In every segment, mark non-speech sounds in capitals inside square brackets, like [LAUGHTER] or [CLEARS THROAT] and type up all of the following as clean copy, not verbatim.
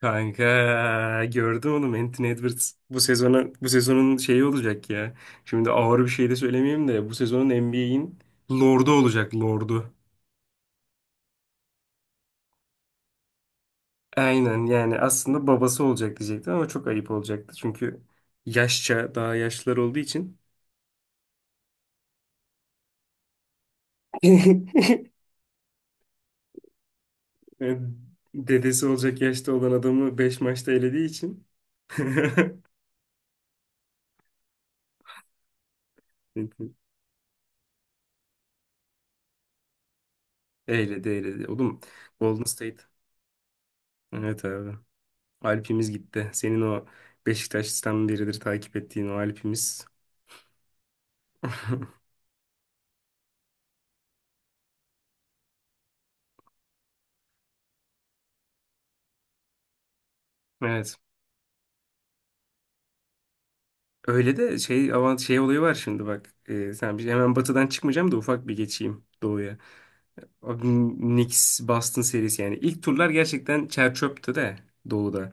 Kanka gördüm onu Anthony Edwards bu sezonun şeyi olacak ya. Şimdi ağır bir şey de söylemeyeyim de bu sezonun NBA'in lordu olacak lordu. Aynen yani aslında babası olacak diyecektim ama çok ayıp olacaktı. Çünkü yaşça daha yaşlılar olduğu için [LAUGHS] dedesi olacak yaşta olan adamı 5 maçta elediği için [LAUGHS] eyledi eyledi. Oğlum Golden State. Evet abi. Alp'imiz gitti. Senin o Beşiktaş'tan beridir takip ettiğin o Alp'imiz. Evet. Öyle de şey avant şey olayı var şimdi bak. Sen bir, hemen batıdan çıkmayacağım da ufak bir geçeyim doğuya. Abi, Knicks Boston serisi yani ilk turlar gerçekten çer çöptü de doğuda.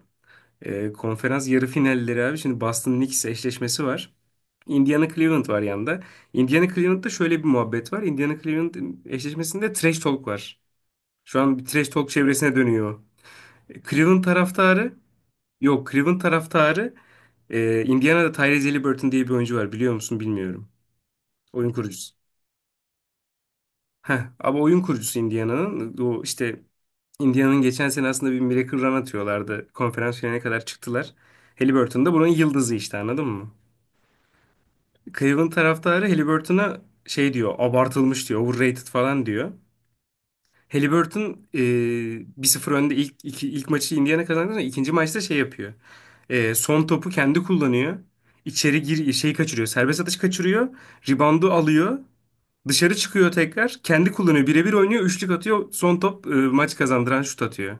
Konferans yarı finalleri abi, şimdi Boston Knicks eşleşmesi var. Indiana Cleveland var yanında. Indiana Cleveland'da şöyle bir muhabbet var. Indiana Cleveland eşleşmesinde trash talk var. Şu an bir trash talk çevresine dönüyor. Cleveland taraftarı Yok, Cleveland taraftarı, Indiana'da Tyrese Haliburton diye bir oyuncu var, biliyor musun bilmiyorum. Oyun kurucusu. Heh, ama oyun kurucusu Indiana'nın. O işte Indiana'nın geçen sene aslında bir miracle run atıyorlardı. Konferans finaline kadar çıktılar. Haliburton da bunun yıldızı işte, anladın mı? Cleveland taraftarı Haliburton'a şey diyor, abartılmış diyor, overrated falan diyor. Halliburton 1-0 önde, ilk maçı Indiana kazandı ama ikinci maçta şey yapıyor. Son topu kendi kullanıyor. İçeri gir şeyi kaçırıyor. Serbest atış kaçırıyor. Reboundu alıyor. Dışarı çıkıyor tekrar. Kendi kullanıyor. Birebir oynuyor. Üçlük atıyor. Son top maç kazandıran şut atıyor.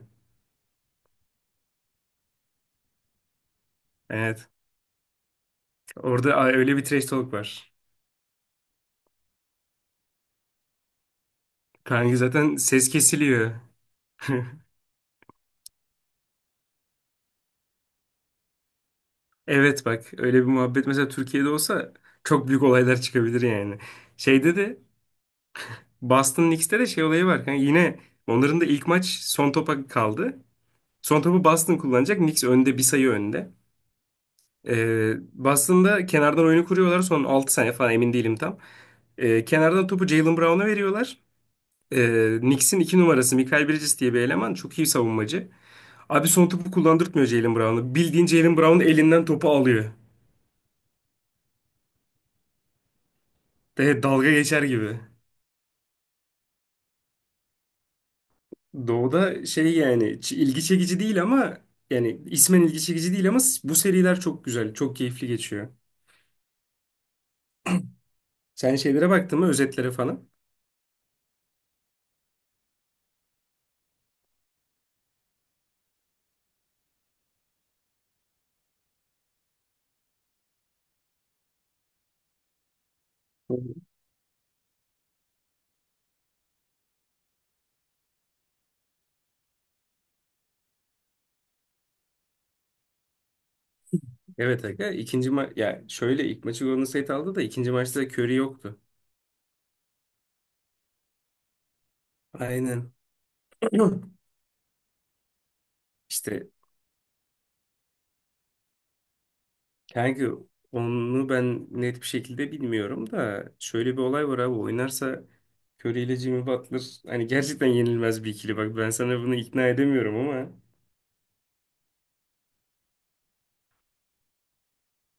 Evet. Orada öyle bir trash talk var. Kanka zaten ses kesiliyor. [LAUGHS] Evet bak, öyle bir muhabbet mesela Türkiye'de olsa çok büyük olaylar çıkabilir yani. Şeyde de Boston Knicks'te de şey olayı var, kanka. Yine onların da ilk maç son topa kaldı. Son topu Boston kullanacak. Knicks önde, bir sayı önde. Boston'da kenardan oyunu kuruyorlar. Son 6 saniye falan, emin değilim tam. Kenardan topu Jaylen Brown'a veriyorlar. Knicks'in 2 numarası Mikal Bridges diye bir eleman. Çok iyi savunmacı. Abi son topu kullandırtmıyor Jaylen Brown'a. Bildiğin Jaylen Brown elinden topu alıyor. De, dalga geçer gibi. Doğu'da şey, yani ilgi çekici değil ama, yani ismen ilgi çekici değil ama bu seriler çok güzel, çok keyifli geçiyor. Sen şeylere baktın mı, özetlere falan? Evet. Evet aga, ikinci ya şöyle, ilk maçı Golden State aldı da ikinci maçta Curry yoktu. Aynen. [CLEARS THROAT] İşte kanka, onu ben net bir şekilde bilmiyorum da şöyle bir olay var abi, oynarsa Curry ile Jimmy Butler hani gerçekten yenilmez bir ikili, bak ben sana bunu ikna edemiyorum ama.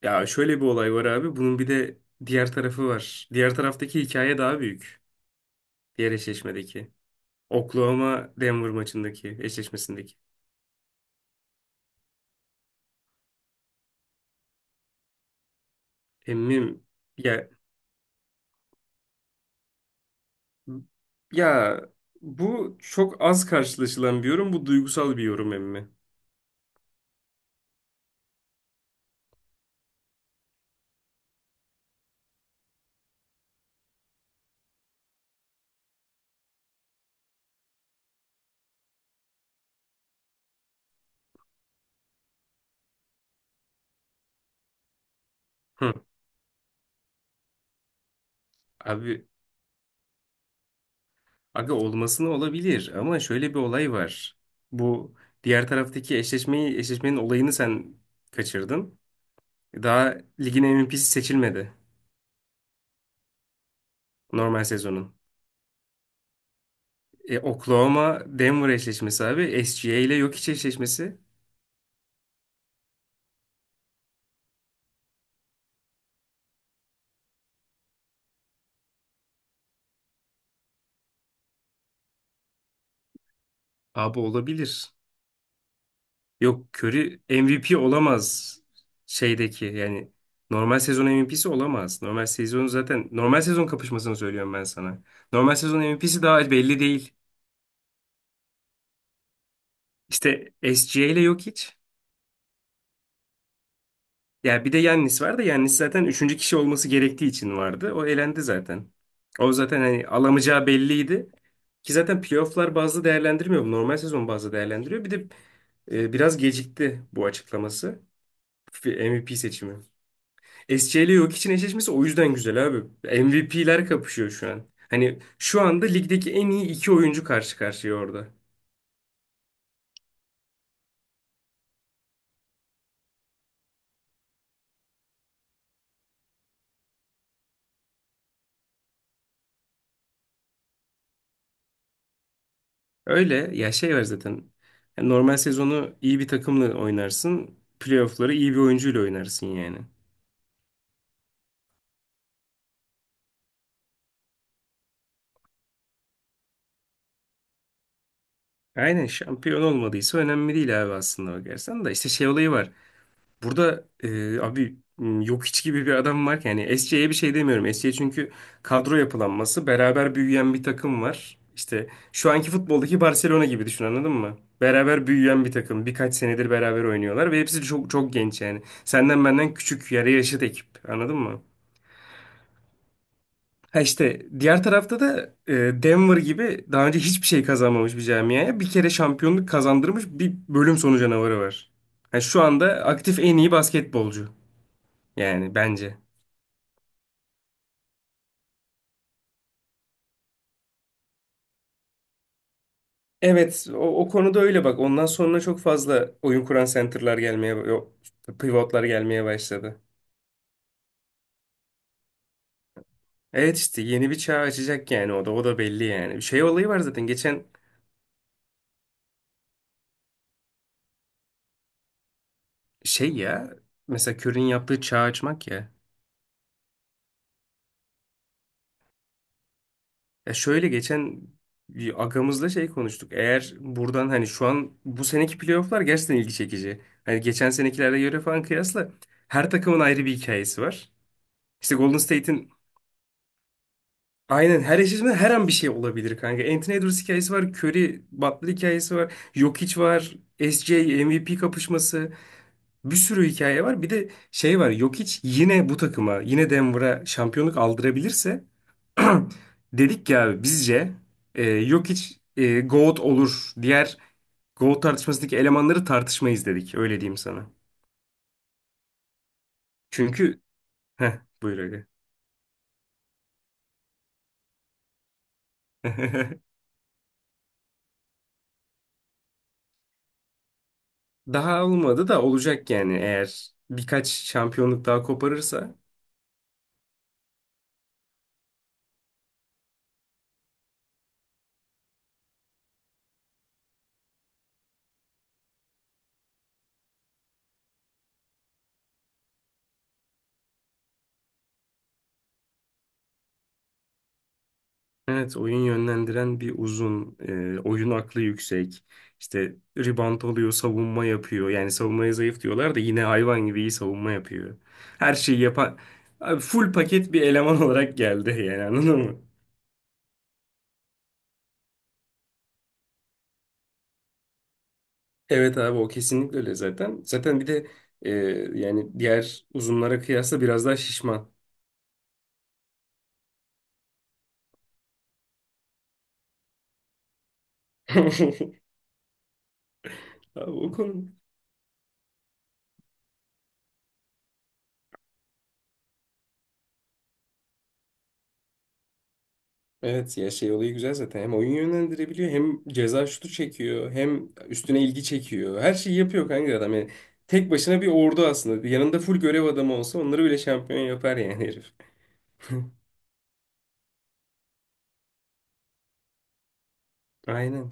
Ya şöyle bir olay var abi. Bunun bir de diğer tarafı var. Diğer taraftaki hikaye daha büyük. Diğer eşleşmedeki. Oklahoma Denver maçındaki eşleşmesindeki. Emmim ya ya, bu çok az karşılaşılan bir yorum. Bu duygusal bir yorum emmi. Hı. Abi aga, olmasına olabilir ama şöyle bir olay var. Bu diğer taraftaki eşleşmenin olayını sen kaçırdın. Daha ligin MVP'si seçilmedi, normal sezonun. Oklahoma Denver eşleşmesi abi. SGA ile Jokic eşleşmesi. Abi olabilir. Yok, Curry MVP olamaz, şeydeki yani normal sezon MVP'si olamaz. Normal sezon, zaten normal sezon kapışmasını söylüyorum ben sana. Normal sezon MVP'si daha belli değil. İşte SGA ile Jokic. Ya bir de Yannis var da, Yannis zaten üçüncü kişi olması gerektiği için vardı. O elendi zaten. O zaten hani alamayacağı belliydi. Ki zaten playofflar bazı değerlendirmiyor, bu normal sezon bazı değerlendiriyor. Bir de biraz gecikti bu açıklaması. MVP seçimi. SC ile Jokic'in eşleşmesi o yüzden güzel abi. MVP'ler kapışıyor şu an. Hani şu anda ligdeki en iyi iki oyuncu karşı karşıya orada. Öyle ya, şey var zaten. Yani normal sezonu iyi bir takımla oynarsın, playoff'ları iyi bir oyuncuyla oynarsın yani. Aynen, şampiyon olmadıysa önemli değil abi, aslında bakarsan da, işte şey olayı var. Burada abi yok hiç gibi bir adam var ki. Yani SC'ye bir şey demiyorum. SC çünkü kadro yapılanması beraber büyüyen bir takım var. İşte şu anki futboldaki Barcelona gibi düşün, anladın mı? Beraber büyüyen bir takım. Birkaç senedir beraber oynuyorlar ve hepsi çok çok genç yani. Senden benden küçük yarı yaşıt ekip, anladın mı? Ha işte diğer tarafta da Denver gibi daha önce hiçbir şey kazanmamış bir camiaya bir kere şampiyonluk kazandırmış bir bölüm sonu canavarı var. Yani şu anda aktif en iyi basketbolcu yani bence. Evet o konuda öyle, bak ondan sonra çok fazla oyun kuran center'lar gelmeye, yok, pivotlar gelmeye başladı. Evet işte yeni bir çağ açacak yani, o da belli yani. Şey olayı var zaten geçen. Şey ya, mesela Curry'in yaptığı çağ açmak ya. Ya şöyle, geçen bir agamızla şey konuştuk. Eğer buradan hani, şu an bu seneki playofflar gerçekten ilgi çekici. Hani geçen senekilerle göre falan kıyasla her takımın ayrı bir hikayesi var. İşte Golden State'in aynen, her eşleşmede her an bir şey olabilir kanka. Anthony Edwards hikayesi var, Curry, Butler hikayesi var, Jokic var, SJ MVP kapışması. Bir sürü hikaye var. Bir de şey var. Jokic yine bu takıma, yine Denver'a şampiyonluk aldırabilirse [CLEARS THROAT] dedik ya bizce Jokic GOAT olur. Diğer GOAT tartışmasındaki elemanları tartışmayız dedik. Öyle diyeyim sana. Çünkü heh, buyur aga. [LAUGHS] Daha olmadı da olacak yani, eğer birkaç şampiyonluk daha koparırsa. Evet, oyun yönlendiren bir uzun, oyun aklı yüksek. İşte rebound oluyor, savunma yapıyor. Yani savunmaya zayıf diyorlar da yine hayvan gibi iyi savunma yapıyor. Her şeyi yapan, abi full paket bir eleman [LAUGHS] olarak geldi yani, anladın mı? Evet abi o kesinlikle öyle zaten. Zaten bir de e, yani diğer uzunlara kıyasla biraz daha şişman. [LAUGHS] Abi o konu. Evet ya, şey olayı güzel zaten. Hem oyun yönlendirebiliyor, hem ceza şutu çekiyor, hem üstüne ilgi çekiyor. Her şeyi yapıyor kanka, adam yani. Tek başına bir ordu aslında. Yanında full görev adamı olsa onları bile şampiyon yapar yani herif. [LAUGHS] Aynen.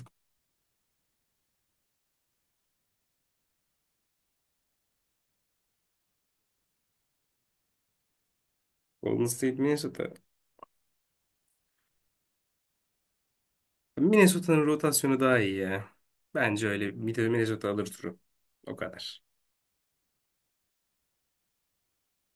Golden State Minnesota. Minnesota'nın rotasyonu daha iyi ya. Bence öyle. Bir de Minnesota alır turu. O kadar.